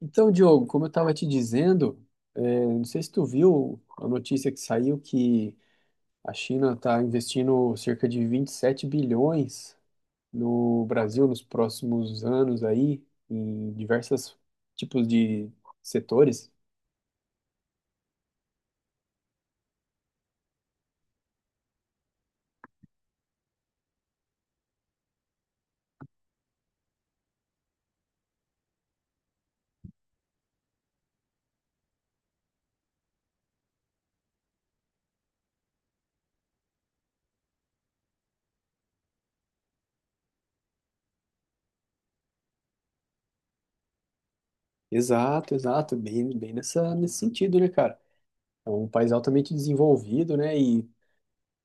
Então, Diogo, como eu estava te dizendo, não sei se tu viu a notícia que saiu que a China está investindo cerca de 27 bilhões no Brasil nos próximos anos aí, em diversos tipos de setores. Exato, exato, bem nessa, nesse sentido, né, cara? É um país altamente desenvolvido, né, e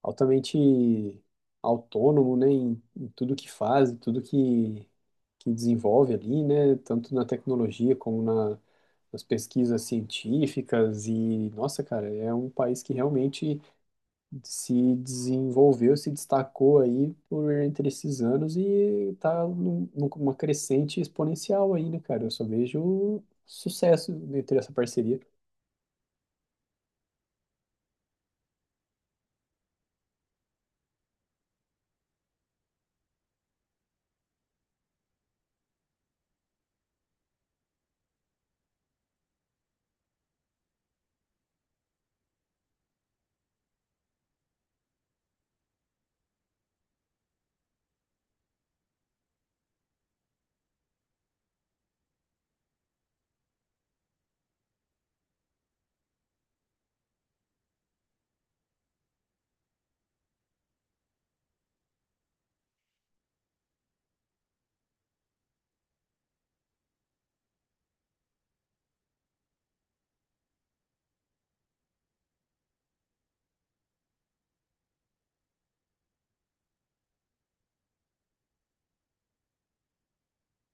altamente autônomo, né, em tudo que faz, em tudo que desenvolve ali, né, tanto na tecnologia como na, nas pesquisas científicas e, nossa, cara, é um país que realmente se desenvolveu, se destacou aí por entre esses anos e tá numa crescente exponencial aí, né, cara? Eu só vejo sucesso entre essa parceria.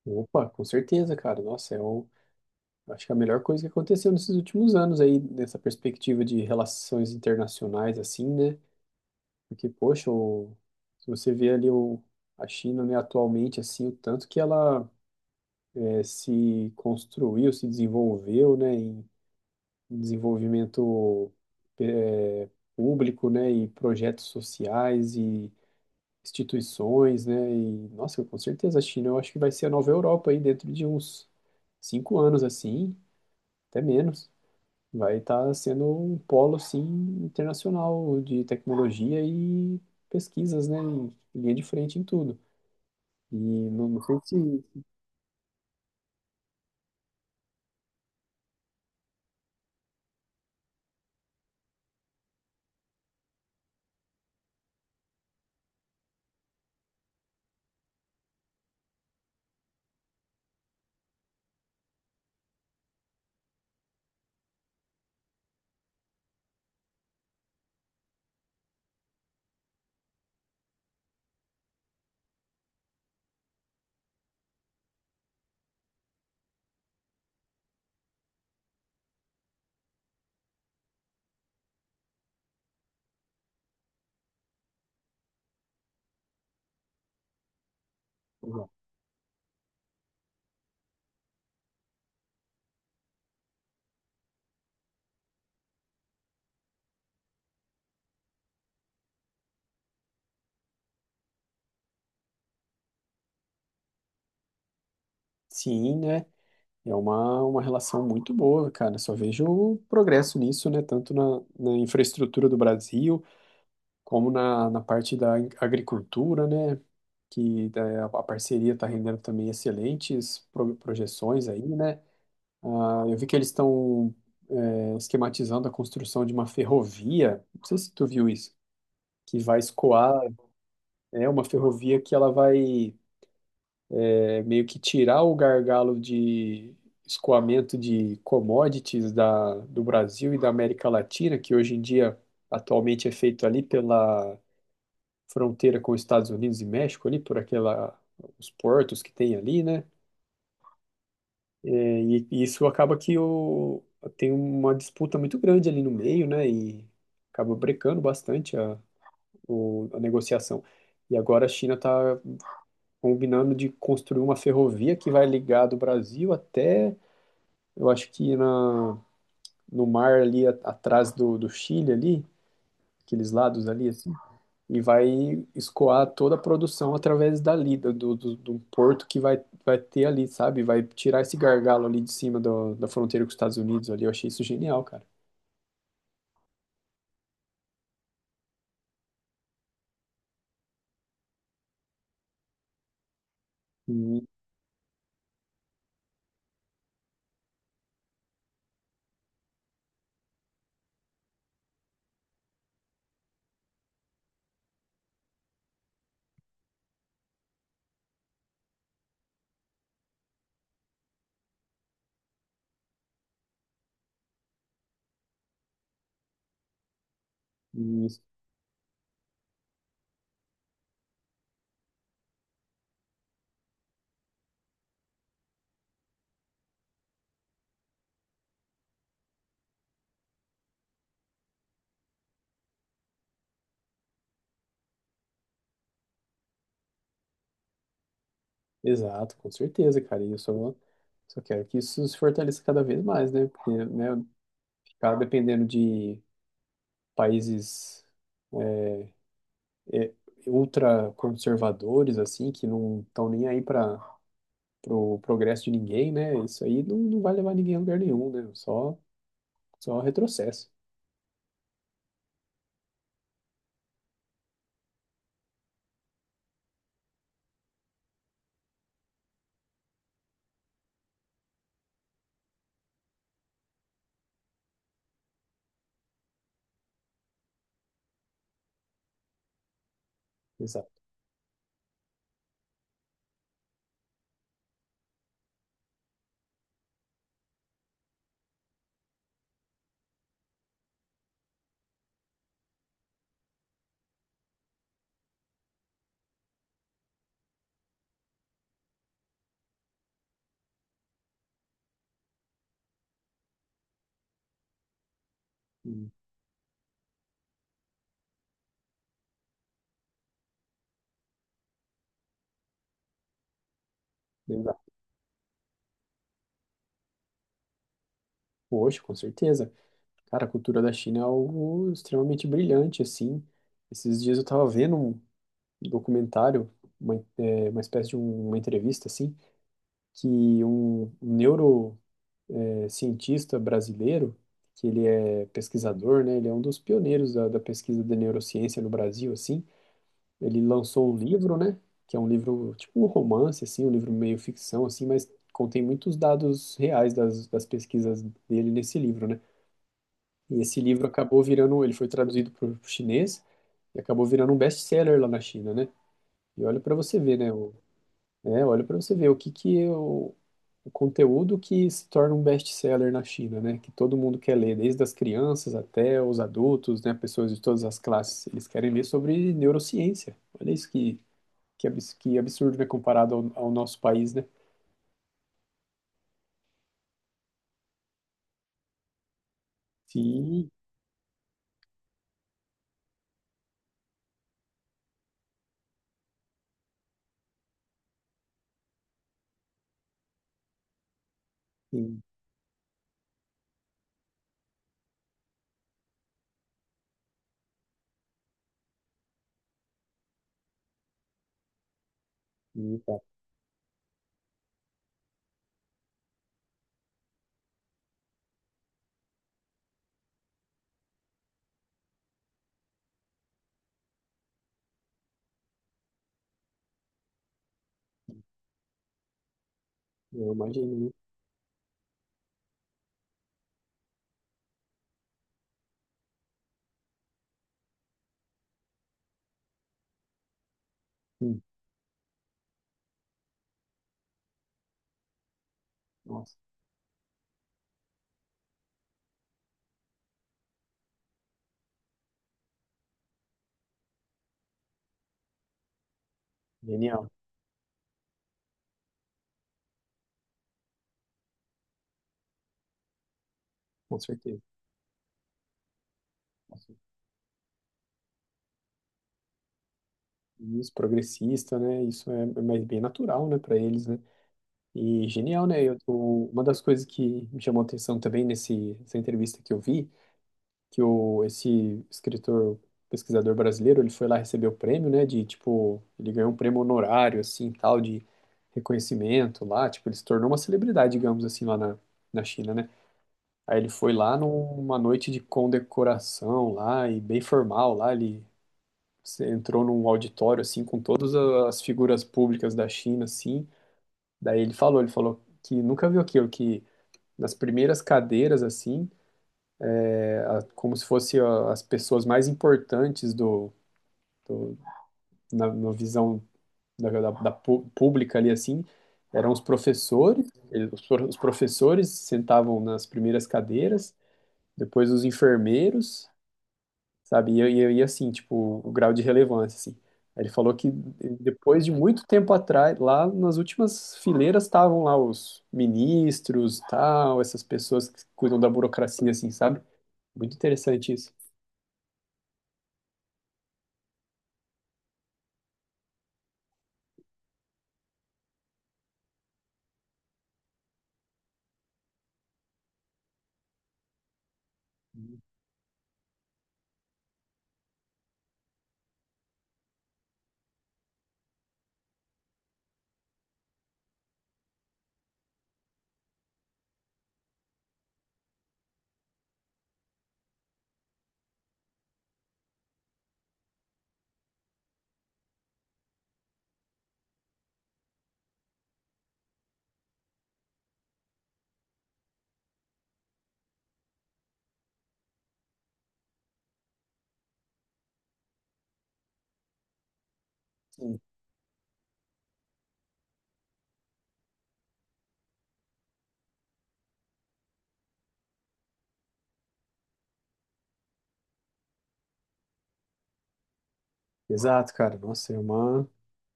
Opa, com certeza, cara. Nossa, é o, acho que é a melhor coisa que aconteceu nesses últimos anos aí, nessa perspectiva de relações internacionais, assim, né? Porque, poxa, se você vê ali a China, né, atualmente, assim, o tanto que ela se construiu, se desenvolveu, né, em desenvolvimento eh, público, né, e projetos sociais e instituições, né, e, nossa, com certeza a China, eu acho que vai ser a nova Europa aí dentro de uns 5 anos, assim, até menos. Vai estar sendo um polo, assim, internacional de tecnologia e pesquisas, né? Em linha de frente em tudo. E não, não sei se... Sim, né? É uma relação muito boa, cara. Só vejo o progresso nisso, né? Tanto na infraestrutura do Brasil, como na parte da agricultura, né? Que a parceria está rendendo também excelentes projeções aí, né? Ah, eu vi que eles estão esquematizando a construção de uma ferrovia. Não sei se tu viu isso, que vai escoar, é uma ferrovia que ela vai meio que tirar o gargalo de escoamento de commodities da, do Brasil e da América Latina, que hoje em dia atualmente é feito ali pela fronteira com os Estados Unidos e México, ali por aquela os portos que tem ali, né? E isso acaba que o, tem uma disputa muito grande ali no meio, né? E acaba brecando bastante a negociação. E agora a China está combinando de construir uma ferrovia que vai ligar do Brasil até, eu acho que na, no mar ali atrás do Chile ali, aqueles lados ali, assim, e vai escoar toda a produção através dali, do porto que vai, vai ter ali, sabe? Vai tirar esse gargalo ali de cima do, da fronteira com os Estados Unidos ali. Eu achei isso genial, cara. E- e Exato, com certeza, cara. E eu só quero que isso se fortaleça cada vez mais, né? Porque, né, ficar dependendo de países ultraconservadores, assim, que não estão nem aí para o progresso de ninguém, né? Isso aí não, não vai levar ninguém a lugar nenhum, né? Só retrocesso. Hum. Exato. Poxa, com certeza. Cara, a cultura da China é algo extremamente brilhante, assim. Esses dias eu tava vendo um documentário, uma espécie de uma entrevista, assim, que um neurocientista brasileiro, que ele é pesquisador, né? Ele é um dos pioneiros da pesquisa da neurociência no Brasil, assim. Ele lançou um livro, né? Que é um livro, tipo um romance, assim, um livro meio ficção, assim, mas contém muitos dados reais das, pesquisas dele nesse livro, né? E esse livro acabou virando, ele foi traduzido para o chinês e acabou virando um best-seller lá na China, né? E olha para você ver, né? Olha para você ver o que que é o conteúdo que se torna um best-seller na China, né? Que todo mundo quer ler, desde as crianças até os adultos, né? Pessoas de todas as classes, eles querem ler sobre neurociência. Olha isso que absurdo, né? Comparado ao nosso país, né? Sim, sim, sim, tá. Eu imagino, né? Sim, nossa, genial, com certeza. Isso, progressista, né? Isso é mais bem natural, né, para eles, né? E genial, né? Uma das coisas que me chamou a atenção também nesse, nessa entrevista que eu vi, que esse escritor, pesquisador brasileiro, ele foi lá receber o prêmio, né? De tipo, ele ganhou um prêmio honorário, assim, tal, de reconhecimento lá. Tipo, ele se tornou uma celebridade, digamos assim, lá na China, né? Aí ele foi lá numa noite de condecoração lá e bem formal lá, ele você entrou num auditório assim com todas as figuras públicas da China assim. Daí ele falou que nunca viu aquilo que nas primeiras cadeiras assim, como se fosse ó, as pessoas mais importantes do- na visão da pública ali assim, eram os professores. Os professores sentavam nas primeiras cadeiras, depois os enfermeiros, sabe? E eu ia assim, tipo, o grau de relevância, assim. Aí ele falou que depois de muito tempo atrás, lá nas últimas fileiras estavam lá os ministros, tal, essas pessoas que cuidam da burocracia, assim, sabe? Muito interessante isso. Sim. Exato, cara. Nossa, é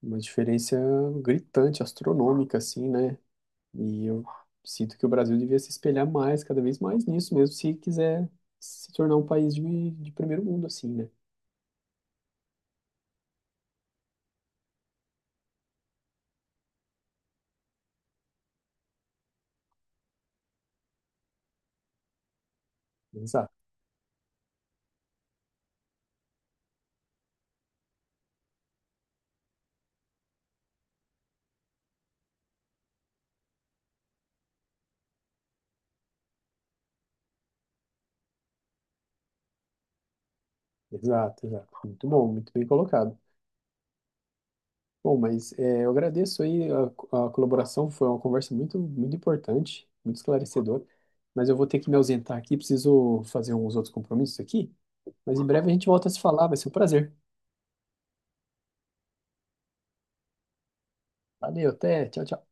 uma diferença gritante, astronômica, assim, né? E eu sinto que o Brasil devia se espelhar mais, cada vez mais nisso mesmo, se quiser se tornar um país de primeiro mundo, assim, né? Exato. Exato, exato. Muito bom, muito bem colocado. Bom, mas eu agradeço aí a colaboração, foi uma conversa muito, muito importante, muito esclarecedora, mas eu vou ter que me ausentar aqui, preciso fazer uns outros compromissos aqui, mas em breve a gente volta a se falar, vai ser um prazer. Valeu, até, tchau, tchau.